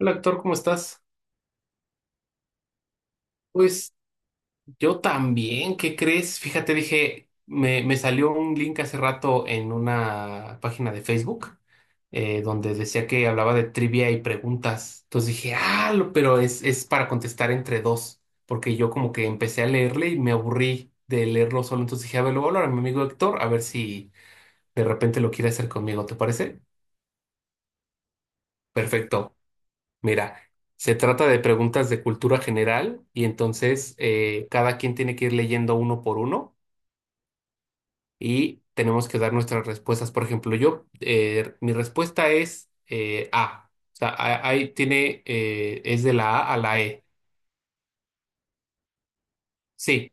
Hola, actor, ¿cómo estás? Pues yo también, ¿qué crees? Fíjate, dije, me salió un link hace rato en una página de Facebook donde decía que hablaba de trivia y preguntas. Entonces dije, ah, pero es para contestar entre dos, porque yo como que empecé a leerle y me aburrí de leerlo solo. Entonces dije, a ver, lo voy a hablar a mi amigo Héctor, a ver si de repente lo quiere hacer conmigo, ¿te parece? Perfecto. Mira, se trata de preguntas de cultura general y entonces cada quien tiene que ir leyendo uno por uno y tenemos que dar nuestras respuestas. Por ejemplo, yo, mi respuesta es A. O sea, ahí tiene, es de la A a la E. Sí,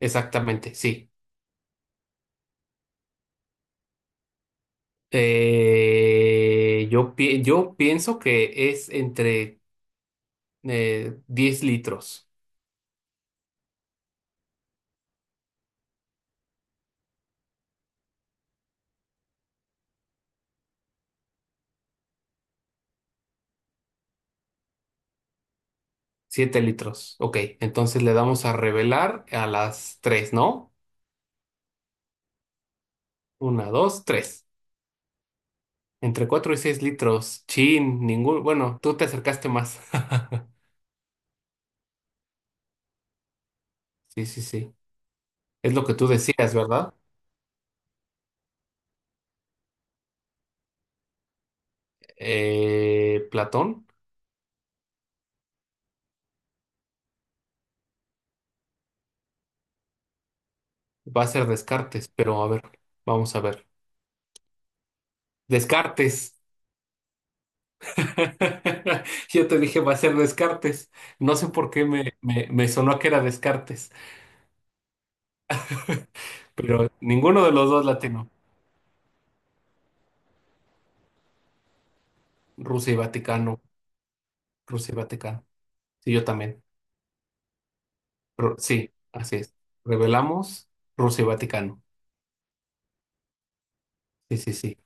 exactamente, sí. Yo pienso que es entre 10 litros, 7 litros. Ok, entonces le damos a revelar a las 3, ¿no? Una, dos, tres. Entre 4 y 6 litros. Chin, ningún. Bueno, tú te acercaste más. Sí, sí, sí. Es lo que tú decías, ¿verdad? Platón va a ser Descartes, pero a ver, vamos a ver. Descartes. Yo te dije va a ser Descartes. No sé por qué me sonó que era Descartes, pero ninguno de los dos latino. Rusia y Vaticano. Rusia y Vaticano. Sí, yo también. Sí, así es. Revelamos Rusia y Vaticano. Sí, sí, sí.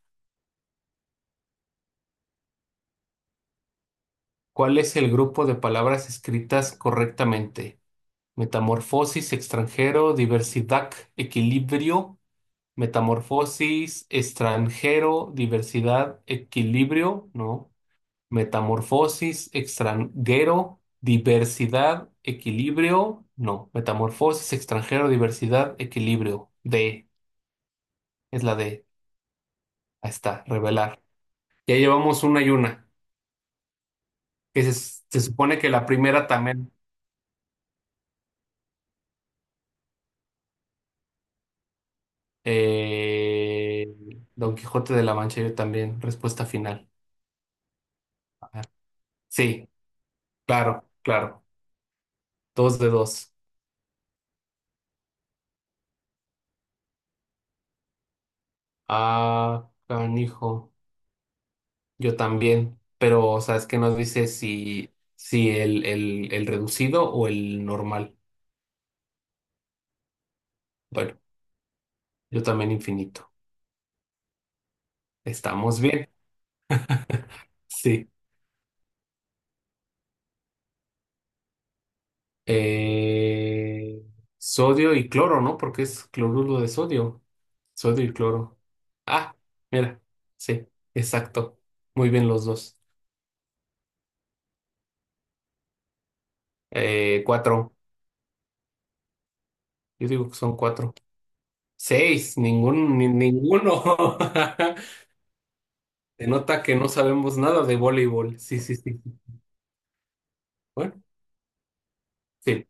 ¿Cuál es el grupo de palabras escritas correctamente? Metamorfosis, extranjero, diversidad, equilibrio. Metamorfosis, extranjero, diversidad, equilibrio, ¿no? Metamorfosis, extranjero, diversidad, equilibrio, no. Metamorfosis, extranjero, diversidad, equilibrio. D, es la D. Ahí está, revelar. Ya llevamos una y una. Que se supone que la primera también. Eh, Don Quijote de la Mancha, yo también. Respuesta final. Ajá. Sí, claro, claro. Dos de dos. Ah, canijo. Yo también. Pero, o sea, es que nos dice si el reducido o el normal. Bueno, yo también infinito. Estamos bien. Sí. Eh, sodio y cloro, ¿no? Porque es cloruro de sodio. Sodio y cloro. Ah, mira. Sí, exacto. Muy bien los dos. Cuatro. Yo digo que son cuatro. Seis. Ningún, ninguno. Se nota que no sabemos nada de voleibol. Sí, sí, sí. Sí. Bueno, sí.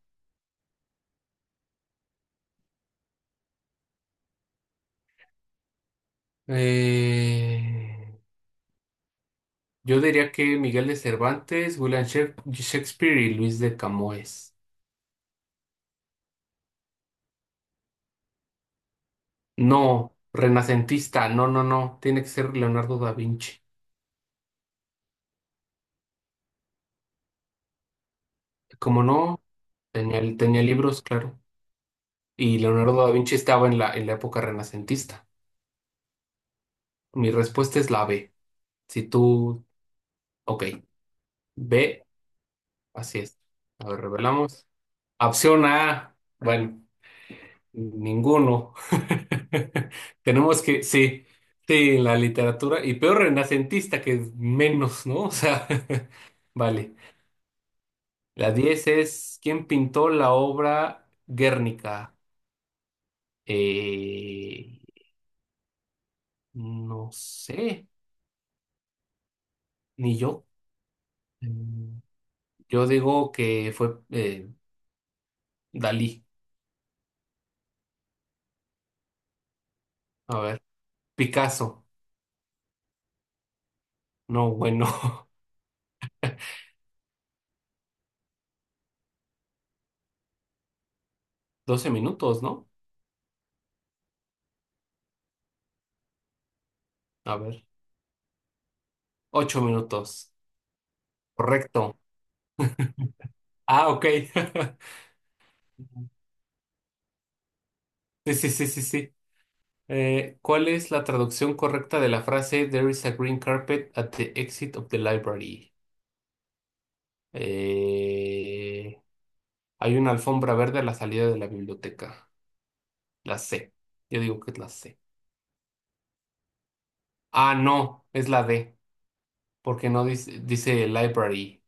Eh, yo diría que Miguel de Cervantes, William Shakespeare y Luis de Camoes. No, renacentista, no, no, no, tiene que ser Leonardo da Vinci. Como no, tenía libros, claro. Y Leonardo da Vinci estaba en la época renacentista. Mi respuesta es la B. Si tú, ok, B, así es. A ver, revelamos. Opción A, bueno, ninguno. Tenemos que, sí, sí, la literatura, y peor renacentista que menos, ¿no? O sea, vale. La 10 es ¿quién pintó la obra Guernica? Eh, no sé, ni yo. Mm, Yo digo que fue Dalí. A ver, Picasso. No, bueno. 12 minutos, ¿no? A ver, 8 minutos. Correcto. Ah, ok. Sí, sí, sí, sí, sí. ¿Cuál es la traducción correcta de la frase There is a green carpet at the exit of the library? Eh, Hay una alfombra verde a la salida de la biblioteca. La C. Yo digo que es la C. Ah, no, es la D, porque no dice, dice library.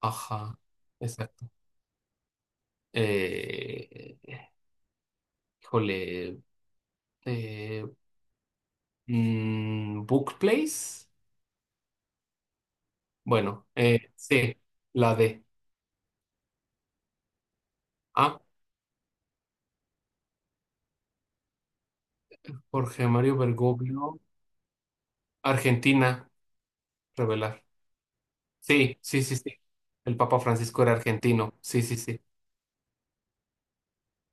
Ajá, exacto. Eh, híjole, eh, book place. Bueno, C, la D. Ah, Jorge Mario Bergoglio, Argentina, revelar. Sí, sí, sí, sí. El Papa Francisco era argentino. Sí, sí, sí.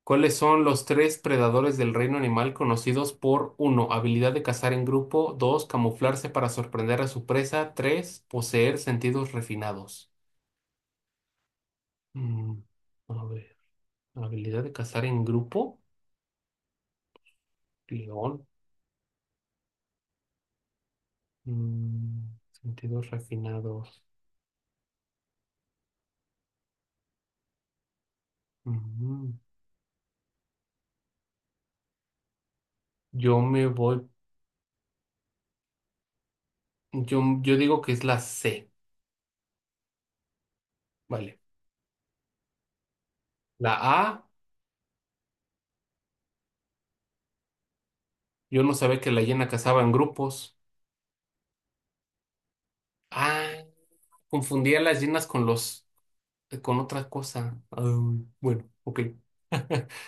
¿Cuáles son los tres predadores del reino animal conocidos por uno habilidad de cazar en grupo, 2 camuflarse para sorprender a su presa, 3 poseer sentidos refinados? Mm, a ver, habilidad de cazar en grupo, león. Mm, sentidos refinados. Ujú. Yo me voy, yo digo que es la C, vale. La A, yo no sabía que la hiena cazaba en grupos. Ah, confundía las hienas con los con otras cosas. Ah, bueno, ok.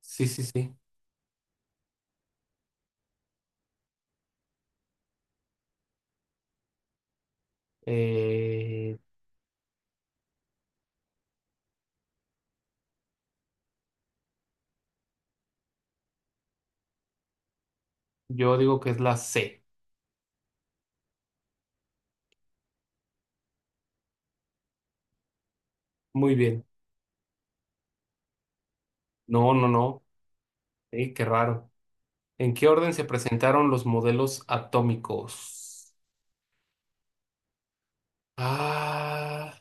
Sí, sí, sí. Eh, yo digo que es la C. Muy bien. No, no, no. Qué raro. ¿En qué orden se presentaron los modelos atómicos? Ah,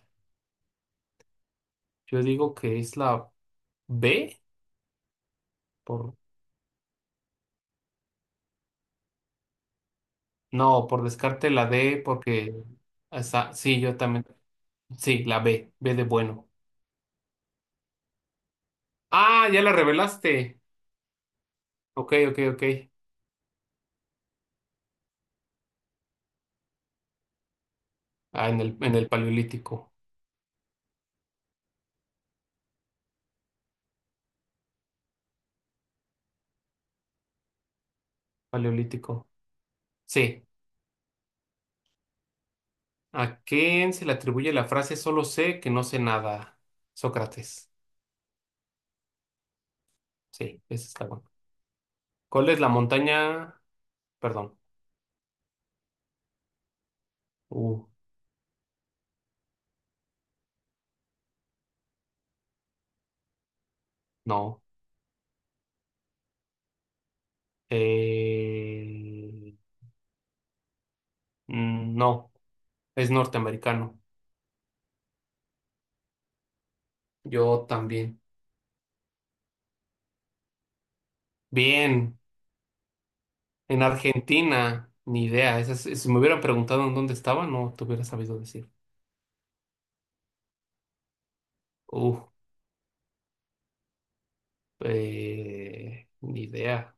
yo digo que es la B. Por, no, por descarte la D, porque sí, yo también. Sí, la B. B de bueno. Ah, ya la revelaste. Ok, ok, ok. Ah, en el paleolítico. Paleolítico. C. ¿A quién se le atribuye la frase solo sé que no sé nada? Sócrates. Sí, esa está bueno. ¿Cuál es la montaña? Perdón. Uh, no. Eh, no, es norteamericano. Yo también. Bien, en Argentina, ni idea. Si me hubieran preguntado en dónde estaba, no te hubiera sabido decir. Uh, ni idea.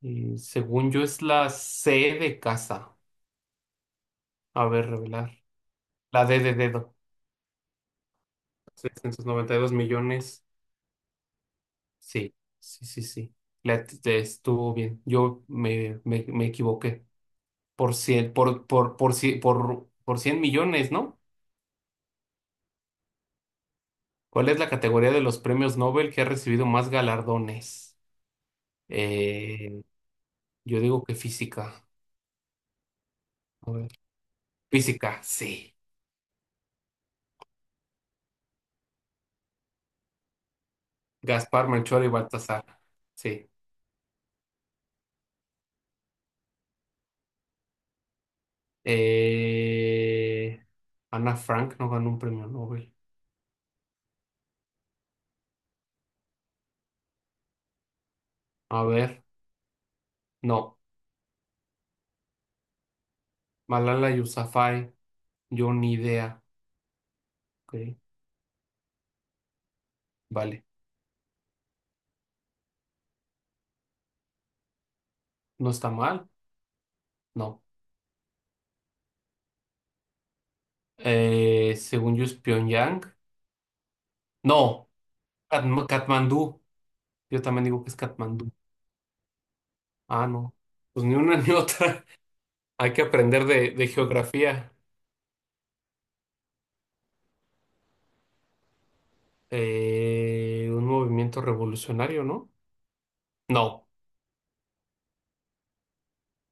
Y según yo es la C de casa. A ver, revelar. La D de dedo. 692 millones. Sí, sí, sí, sí. Le te estuvo bien. Yo me equivoqué. Por 100 por 100 millones, ¿no? ¿Cuál es la categoría de los premios Nobel que ha recibido más galardones? Eh, yo digo que física. A ver. Física, sí. Gaspar, Melchor y Baltasar. Sí. Eh, Ana Frank no ganó un premio Nobel. A ver, no. Malala Yousafzai. Yo ni idea. Ok, vale. No está mal. No. Según yo es Pyongyang. No. Katmandú. Yo también digo que es Katmandú. Ah, no. Pues ni una ni otra. Hay que aprender de geografía. Un movimiento revolucionario, ¿no? No.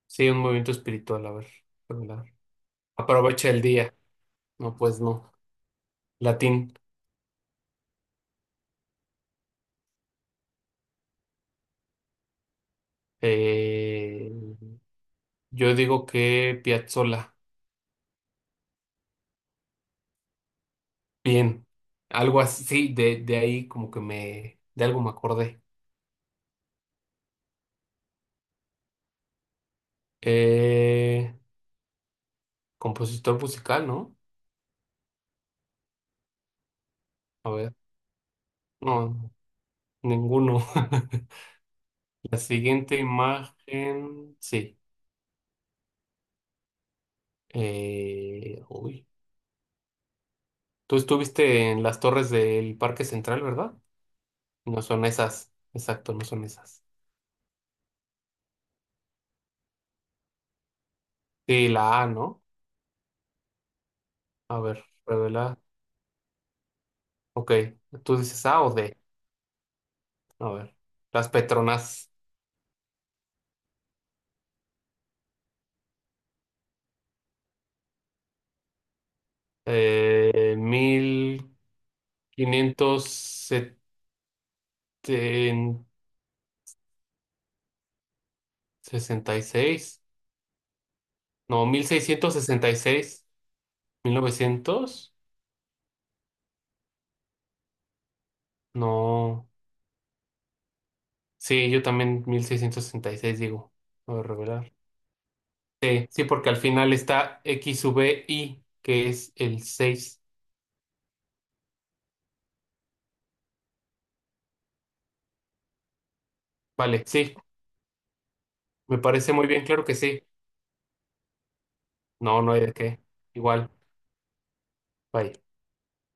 Sí, un movimiento espiritual. A ver. ¿Verdad? Aprovecha el día. No, pues no. Latín. Eh, yo digo que Piazzolla. Bien, algo así, sí, de ahí como que me, de algo me acordé. Eh, compositor musical, ¿no? A ver, no, ninguno. La siguiente imagen, sí. Uy, tú estuviste en las torres del Parque Central, ¿verdad? No son esas, exacto, no son esas. Sí, la A, ¿no? A ver, revela. Ok, tú dices A o D. A ver, las Petronas. Mil. 566, no, 1666, 1900, no, sí, yo también 1666 digo, voy a revelar. Sí, sí, porque al final está X sub I, que es el seis. Vale, sí, me parece muy bien, claro que sí. No, no hay de qué. Igual, bye.